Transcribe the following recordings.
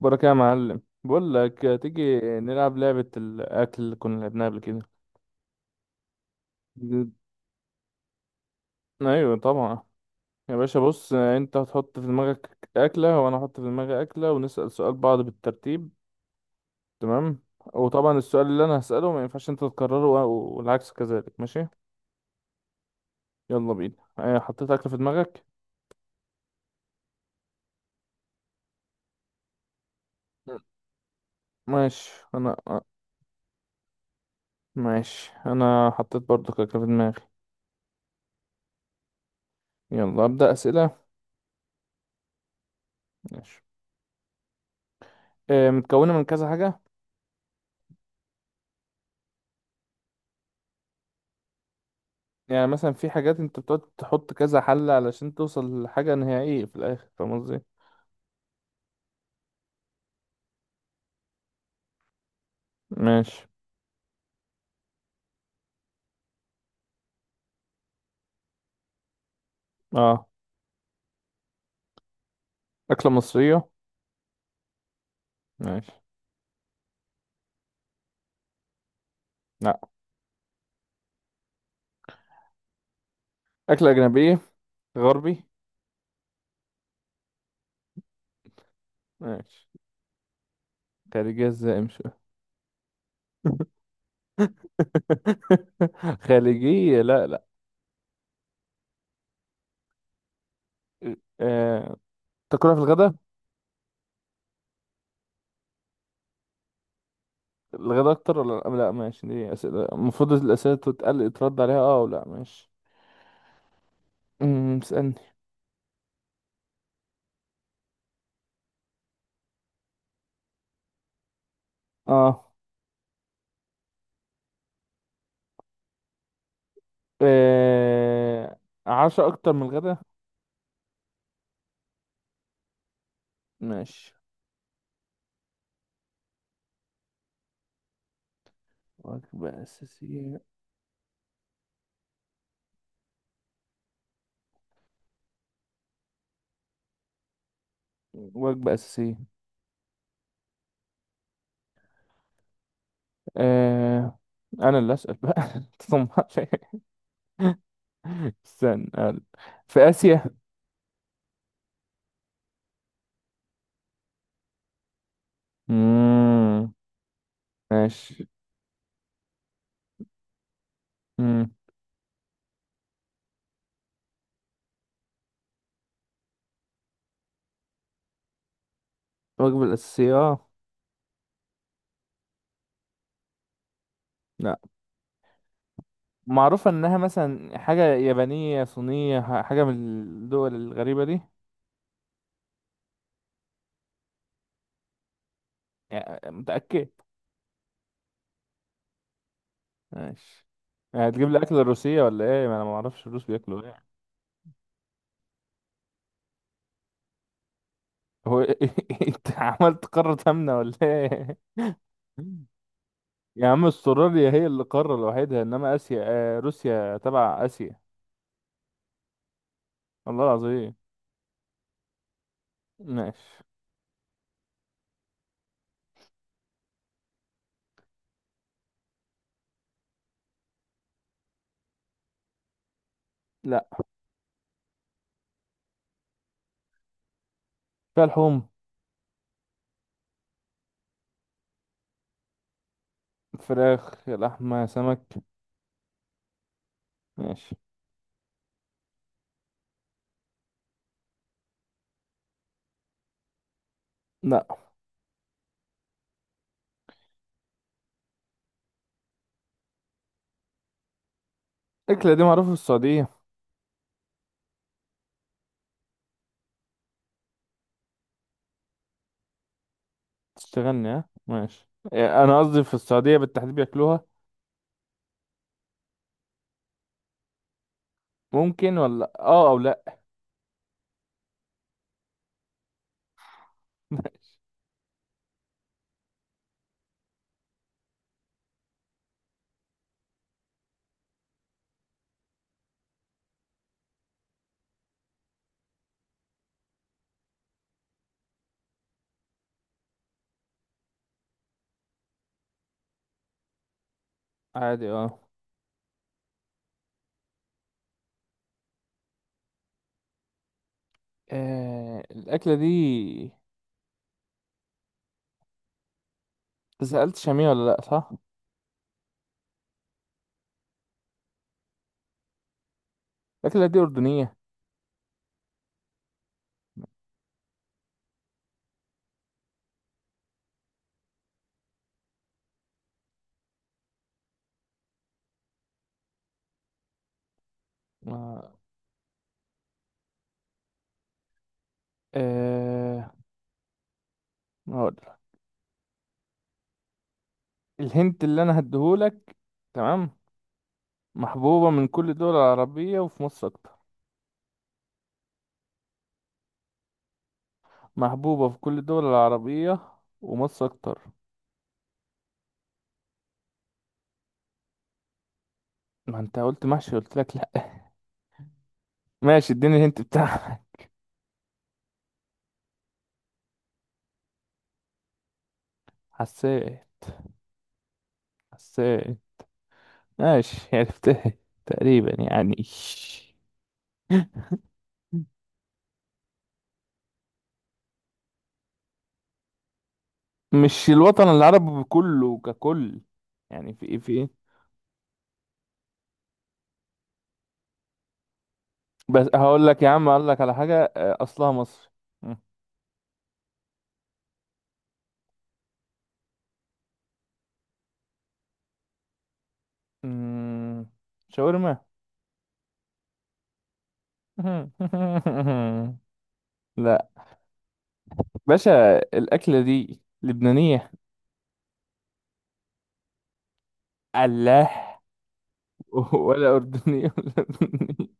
بركة يا معلم، بقول لك تيجي نلعب لعبة الأكل اللي كنا لعبناها قبل كده. ب- أيوة طبعا. يا باشا بص، أنت هتحط في دماغك أكلة وأنا هحط في دماغي أكلة ونسأل سؤال بعض بالترتيب. تمام. وطبعا السؤال اللي أنا هسأله ما ينفعش أنت تكرره والعكس كذلك، ماشي؟ يلا بينا. حطيت أكلة في دماغك. م. ماشي، أنا ماشي. أنا حطيت برضك أكلة في دماغي. يلا أبدأ أسئلة. ماشي. متكونة من كذا حاجة؟ يعني مثلا في حاجات انت بتقعد تحط كذا حل علشان توصل لحاجة نهائية في الآخر، فاهم قصدي؟ ماشي. اه، أكلة مصرية؟ ماشي. لا، أكلة أجنبية، غربي؟ ماشي. خارجية ازاي؟ مش خارجية، لا لا. آه... تاكلها في الغداء؟ الغداء أكتر ولا لا؟ لا ماشي، دي أسئلة المفروض الأسئلة تتقل ترد عليها اه ولا ماشي. اسألني. اه، آه، عشاء أكتر من الغداء؟ ماشي. وجبة أساسية؟ وجبة أساسية. آه، أنا اللي أسأل بقى تطمعش. استنى أقول. في آسيا؟ مم. ماشي. مم. الوجبة الأساسية آه. لا، معروفة إنها مثلا حاجة يابانية صينية، حاجة من الدول الغريبة دي؟ يعني متأكد؟ ماشي. يعني هتجيب لي أكل روسية ولا إيه؟ ما أنا معرفش الروس بياكلوا إيه. هو إيه؟ أنت عملت قارة آمنة ولا إيه؟ يا عم استراليا هي اللي قارة لوحدها، انما اسيا، آه روسيا تبع اسيا. الله العظيم. ماشي. لا، فيها لحوم؟ فراخ، لحمة، سمك. ماشي. لا. الأكلة دي معروفة في السعودية. تشتغلني ها؟ ماشي. يعني أنا قصدي في السعودية بالتحديد بياكلوها. ممكن، ولا اه أو لأ؟ عادي اه. الأكلة دي، سألت شامية ولا لأ، صح؟ الأكلة دي أردنية. آه. آه، هقول. الهنت اللي أنا هديهولك. تمام. محبوبة من كل الدول العربية، وفي مصر أكتر. محبوبة في كل الدول العربية، ومصر أكتر. ما أنت قلت محشي قلت لك لأ. ماشي، اديني الهنت بتاعك. حساس. حساس. ماشي، عرفتها. تقريبا يعني. مش الوطن العربي كله ككل، يعني في إيه في إيه. بس هقول لك يا عم، هقول لك على حاجة، أصلها مصري. أمم، شاورما؟ لا. باشا، الأكلة دي لبنانية؟ فلاح؟ ولا أردني ولا لبناني؟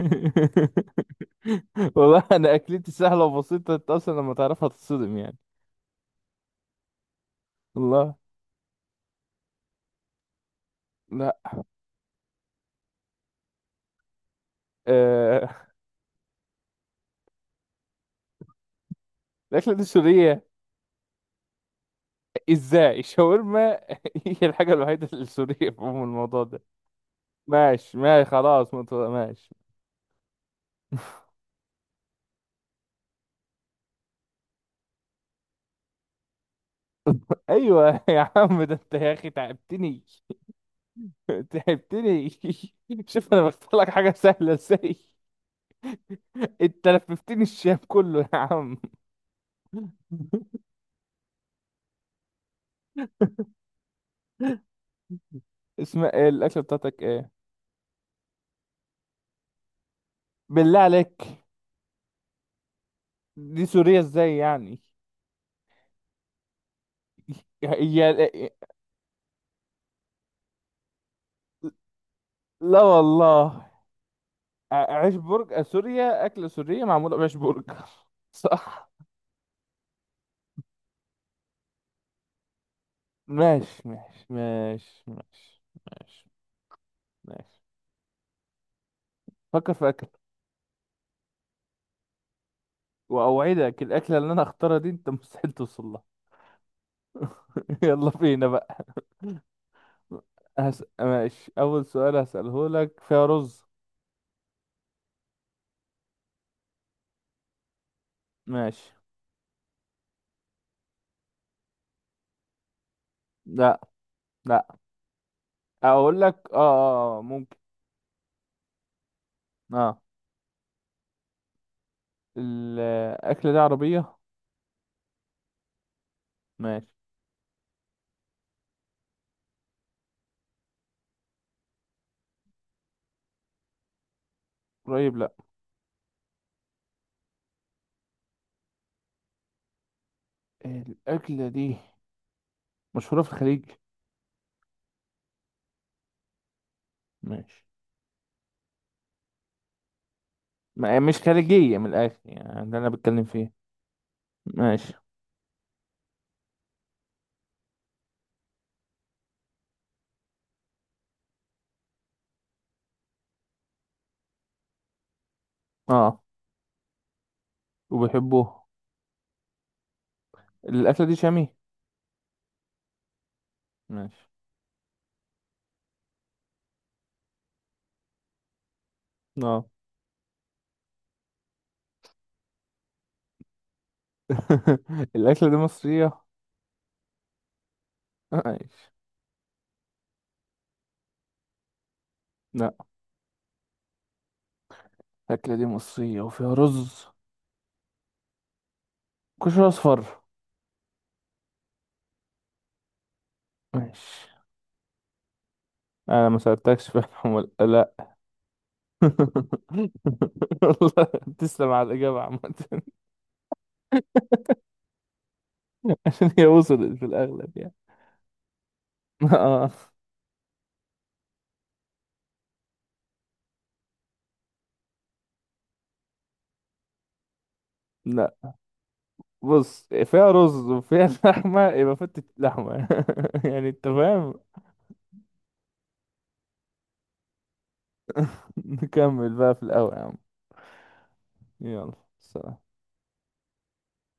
والله أنا أكلتي سهلة وبسيطة، أنت أصلا لما تعرفها تتصدم يعني. الله. لا. آه... الأكلة دي سورية. إزاي شاورما؟ هي الحاجة الوحيدة السورية في عموم الموضوع ده. ماشي ماشي، خلاص، ماشي. أيوة يا عم، ده أنت يا أخي تعبتني. تعبتني. شوف أنا بختار لك حاجة سهلة إزاي. أنت لففتني الشام كله يا عم. اسم إيه الاكله بتاعتك ايه؟ بالله عليك. دي سوريا ازاي يعني؟ هي؟ لا والله. عيش برج سوريا، اكله سوريه معموله بعيش برج. صح. ماشي ماشي ماشي ماشي ماشي. ماشي. فكر في اكل. واوعدك الاكله اللي انا اختارها دي انت مستحيل توصل لها. يلا بينا بقى. ماشي، اول سؤال هسأله لك، فيها رز؟ ماشي. لا. لا، اقول لك اه، ممكن. اه. الأكلة دي عربية. ماشي. قريب؟ لأ. الأكلة دي مشهورة في الخليج؟ ماشي. ما مش خليجية من الآخر يعني، ده أنا بتكلم فيه. ماشي. اه، وبيحبوه. الأكلة دي شامي؟ ماشي. اه. الأكلة دي مصرية. ماشي. لأ. الأكلة دي مصرية وفيها رز، كشري أصفر؟ ماشي. أنا ما سألتكش في الحمول، لأ. والله. تسلم على الإجابة عامة، عشان هي وصلت في الأغلب يعني. اه. لا، بص فيها رز وفيها لحمة، يبقى فتة لحمة، يعني انت فاهم. نكمل بقى في الأول يا عم. يلا. سلام.